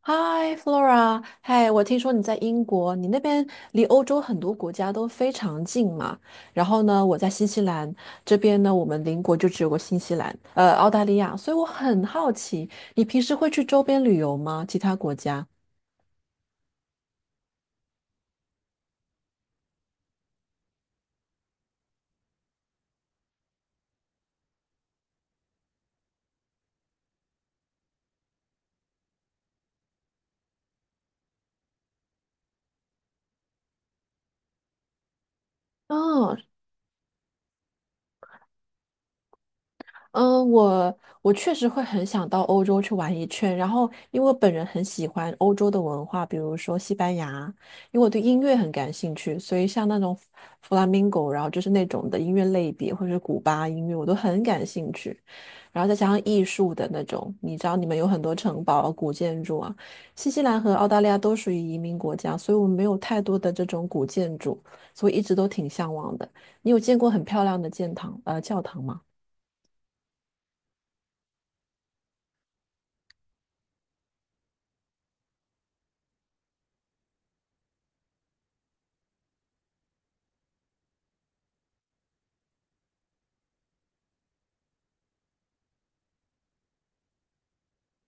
嗨，Flora，嗨，我听说你在英国，你那边离欧洲很多国家都非常近嘛。然后呢，我在新西兰这边呢，我们邻国就只有个新西兰，澳大利亚，所以我很好奇，你平时会去周边旅游吗？其他国家？哦。嗯，我确实会很想到欧洲去玩一圈，然后因为我本人很喜欢欧洲的文化，比如说西班牙，因为我对音乐很感兴趣，所以像那种弗拉明戈，然后就是那种的音乐类别，或者是古巴音乐，我都很感兴趣。然后再加上艺术的那种，你知道你们有很多城堡啊古建筑啊，新西兰和澳大利亚都属于移民国家，所以我们没有太多的这种古建筑，所以一直都挺向往的。你有见过很漂亮的教堂吗？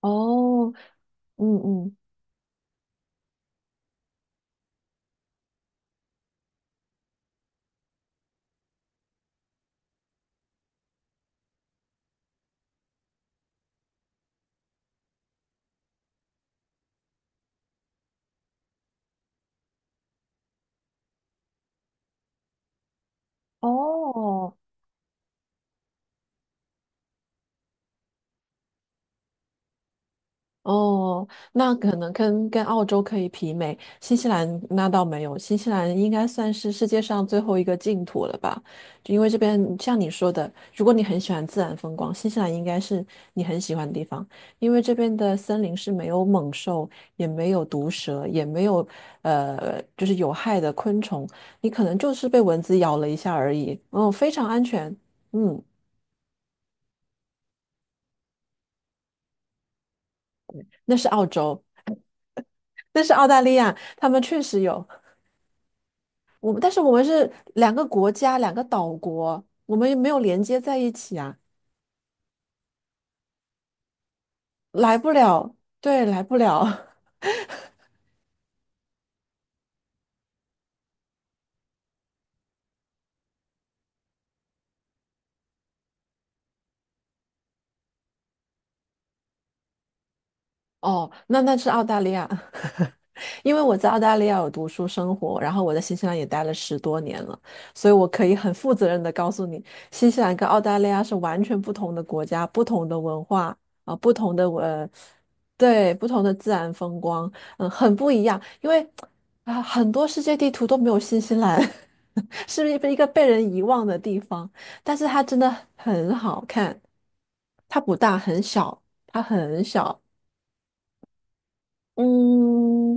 哦，嗯嗯，哦哦，那可能跟澳洲可以媲美，新西兰那倒没有，新西兰应该算是世界上最后一个净土了吧？就因为这边像你说的，如果你很喜欢自然风光，新西兰应该是你很喜欢的地方，因为这边的森林是没有猛兽，也没有毒蛇，也没有就是有害的昆虫，你可能就是被蚊子咬了一下而已，嗯，非常安全，嗯，那是澳洲。但是澳大利亚他们确实有我们，但是我们是两个国家，两个岛国，我们也没有连接在一起啊，来不了，对，来不了。哦，那那是澳大利亚。因为我在澳大利亚有读书生活，然后我在新西兰也待了10多年了，所以我可以很负责任的告诉你，新西兰跟澳大利亚是完全不同的国家，不同的文化啊、不同的呃，对，不同的自然风光，嗯，很不一样。因为啊、很多世界地图都没有新西兰，是一个被人遗忘的地方，但是它真的很好看，它不大，很小，它很小，嗯，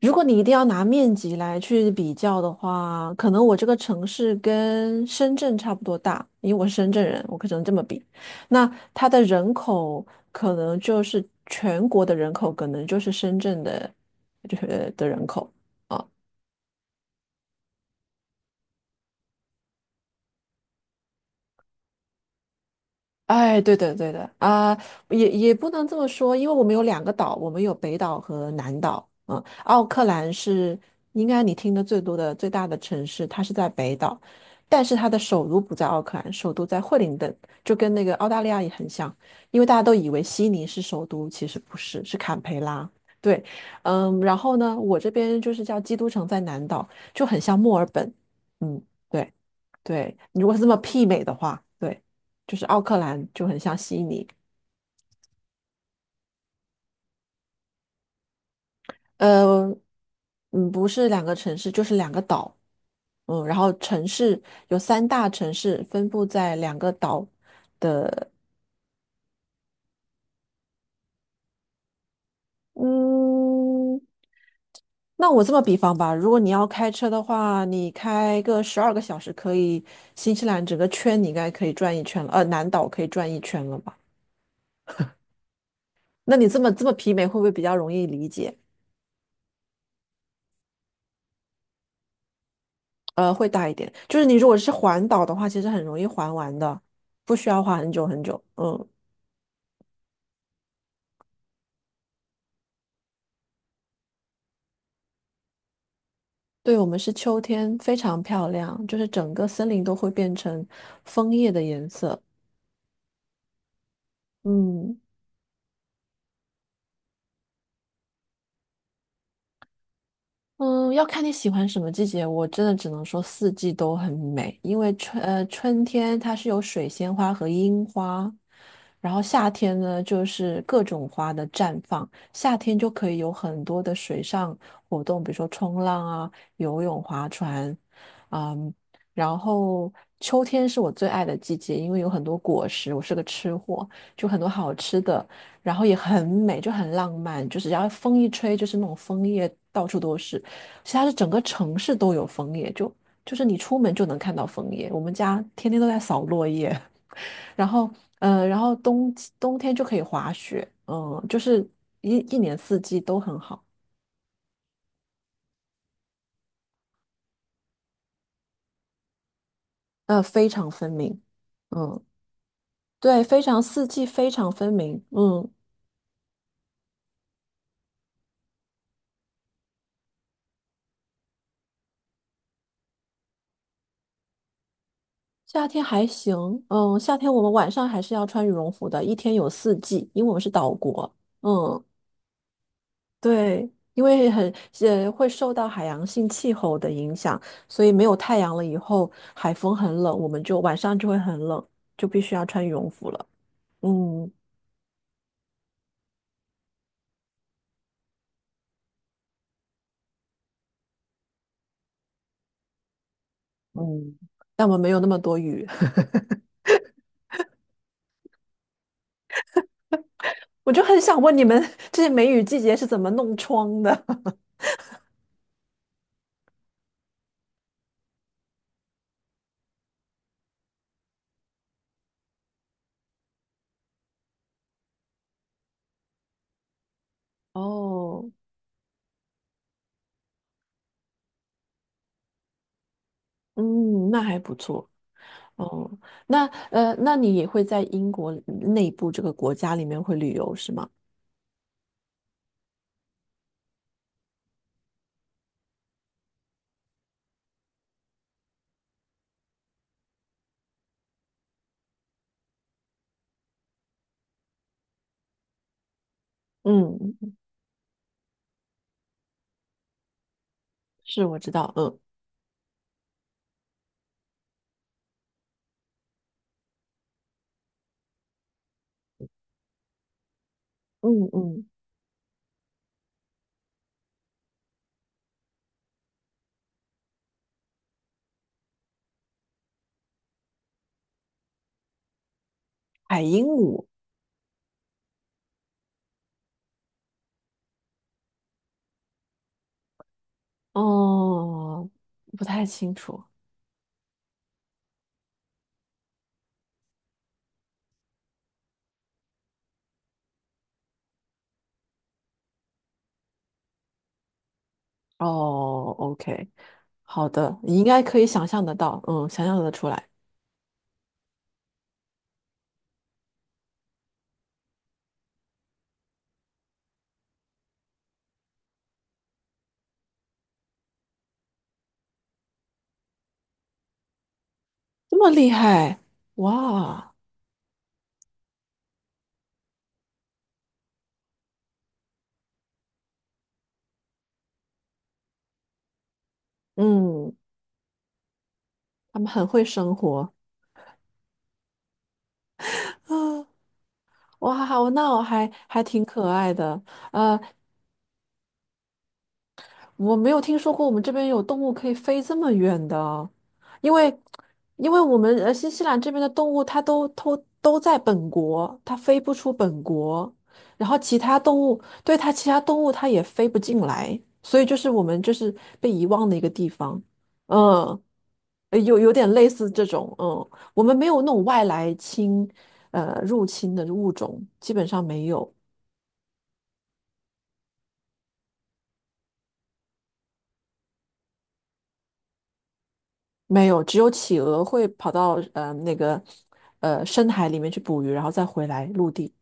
如果你一定要拿面积来去比较的话，可能我这个城市跟深圳差不多大，因为我是深圳人，我可能这么比。那它的人口可能就是全国的人口，可能就是深圳的，就是的人口。啊哎，对的，对的啊，也也不能这么说，因为我们有两个岛，我们有北岛和南岛。嗯，奥克兰是应该你听的最多的最大的城市，它是在北岛，但是它的首都不在奥克兰，首都在惠灵顿，就跟那个澳大利亚也很像，因为大家都以为悉尼是首都，其实不是，是坎培拉。对，嗯，然后呢，我这边就是叫基督城在南岛，就很像墨尔本。嗯。对。对，你如果是这么媲美的话，对，就是奥克兰就很像悉尼，呃，嗯，不是两个城市，就是两个岛，嗯，然后城市有三大城市分布在两个岛，嗯，那我这么比方吧，如果你要开车的话，你开个12个小时，可以新西兰整个圈你应该可以转一圈了，南岛可以转一圈了吧？那你这么这么媲美，会不会比较容易理解？会大一点。就是你如果是环岛的话，其实很容易环完的，不需要花很久很久。嗯，对，我们是秋天，非常漂亮，就是整个森林都会变成枫叶的颜色。嗯。嗯，要看你喜欢什么季节。我真的只能说四季都很美，因为春天它是有水仙花和樱花，然后夏天呢就是各种花的绽放。夏天就可以有很多的水上活动，比如说冲浪啊、游泳、划船，嗯，然后秋天是我最爱的季节，因为有很多果实，我是个吃货，就很多好吃的。然后也很美，就很浪漫，就是然后风一吹，就是那种枫叶到处都是。其实它是整个城市都有枫叶，就是你出门就能看到枫叶。我们家天天都在扫落叶，然后嗯，然后冬天就可以滑雪，嗯，就是一一年四季都很好，非常分明，嗯，对，非常四季非常分明，嗯。夏天还行，嗯，夏天我们晚上还是要穿羽绒服的，一天有四季，因为我们是岛国，嗯。对，因为很会受到海洋性气候的影响，所以没有太阳了以后，海风很冷，我们就晚上就会很冷，就必须要穿羽绒服了。嗯，嗯，但我们没有那么多雨，我就很想问你们这些梅雨季节是怎么弄窗的？哦，嗯，那还不错。哦，那那你也会在英国内部这个国家里面会旅游是吗？嗯，是我知道，嗯嗯嗯，海鹦鹉。哦，不太清楚。哦，OK，好的，你应该可以想象得到，嗯，想象得出来，这么厉害，哇，嗯，他们很会生活啊，哇，我那我还还挺可爱的，呃，我没有听说过我们这边有动物可以飞这么远的，因为因为我们新西兰这边的动物它都在本国，它飞不出本国，然后其他动物对它其他动物它也飞不进来，所以就是我们就是被遗忘的一个地方，嗯，有有点类似这种，嗯，我们没有那种外来入侵的物种，基本上没有。没有，只有企鹅会跑到那个深海里面去捕鱼，然后再回来陆地。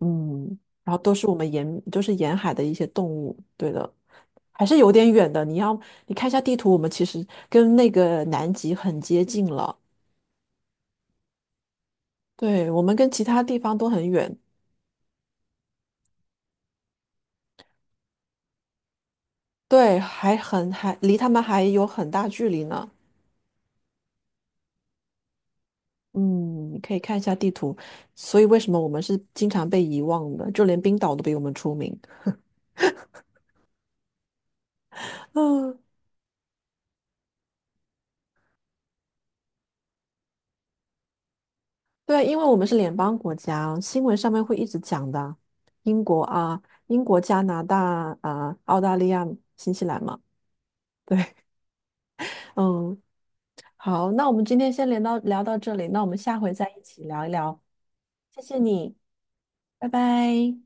嗯，然后都是我们沿就是沿海的一些动物。对的，还是有点远的。你要你看一下地图，我们其实跟那个南极很接近了。对，我们跟其他地方都很远，对，还很还离他们还有很大距离呢。嗯，你可以看一下地图。所以为什么我们是经常被遗忘的？就连冰岛都比我们出名。嗯。对啊，因为我们是联邦国家，新闻上面会一直讲的，英国啊，英国、加拿大啊，澳大利亚、新西兰嘛。对，嗯，好，那我们今天先聊到聊到这里，那我们下回再一起聊一聊。谢谢你，拜拜。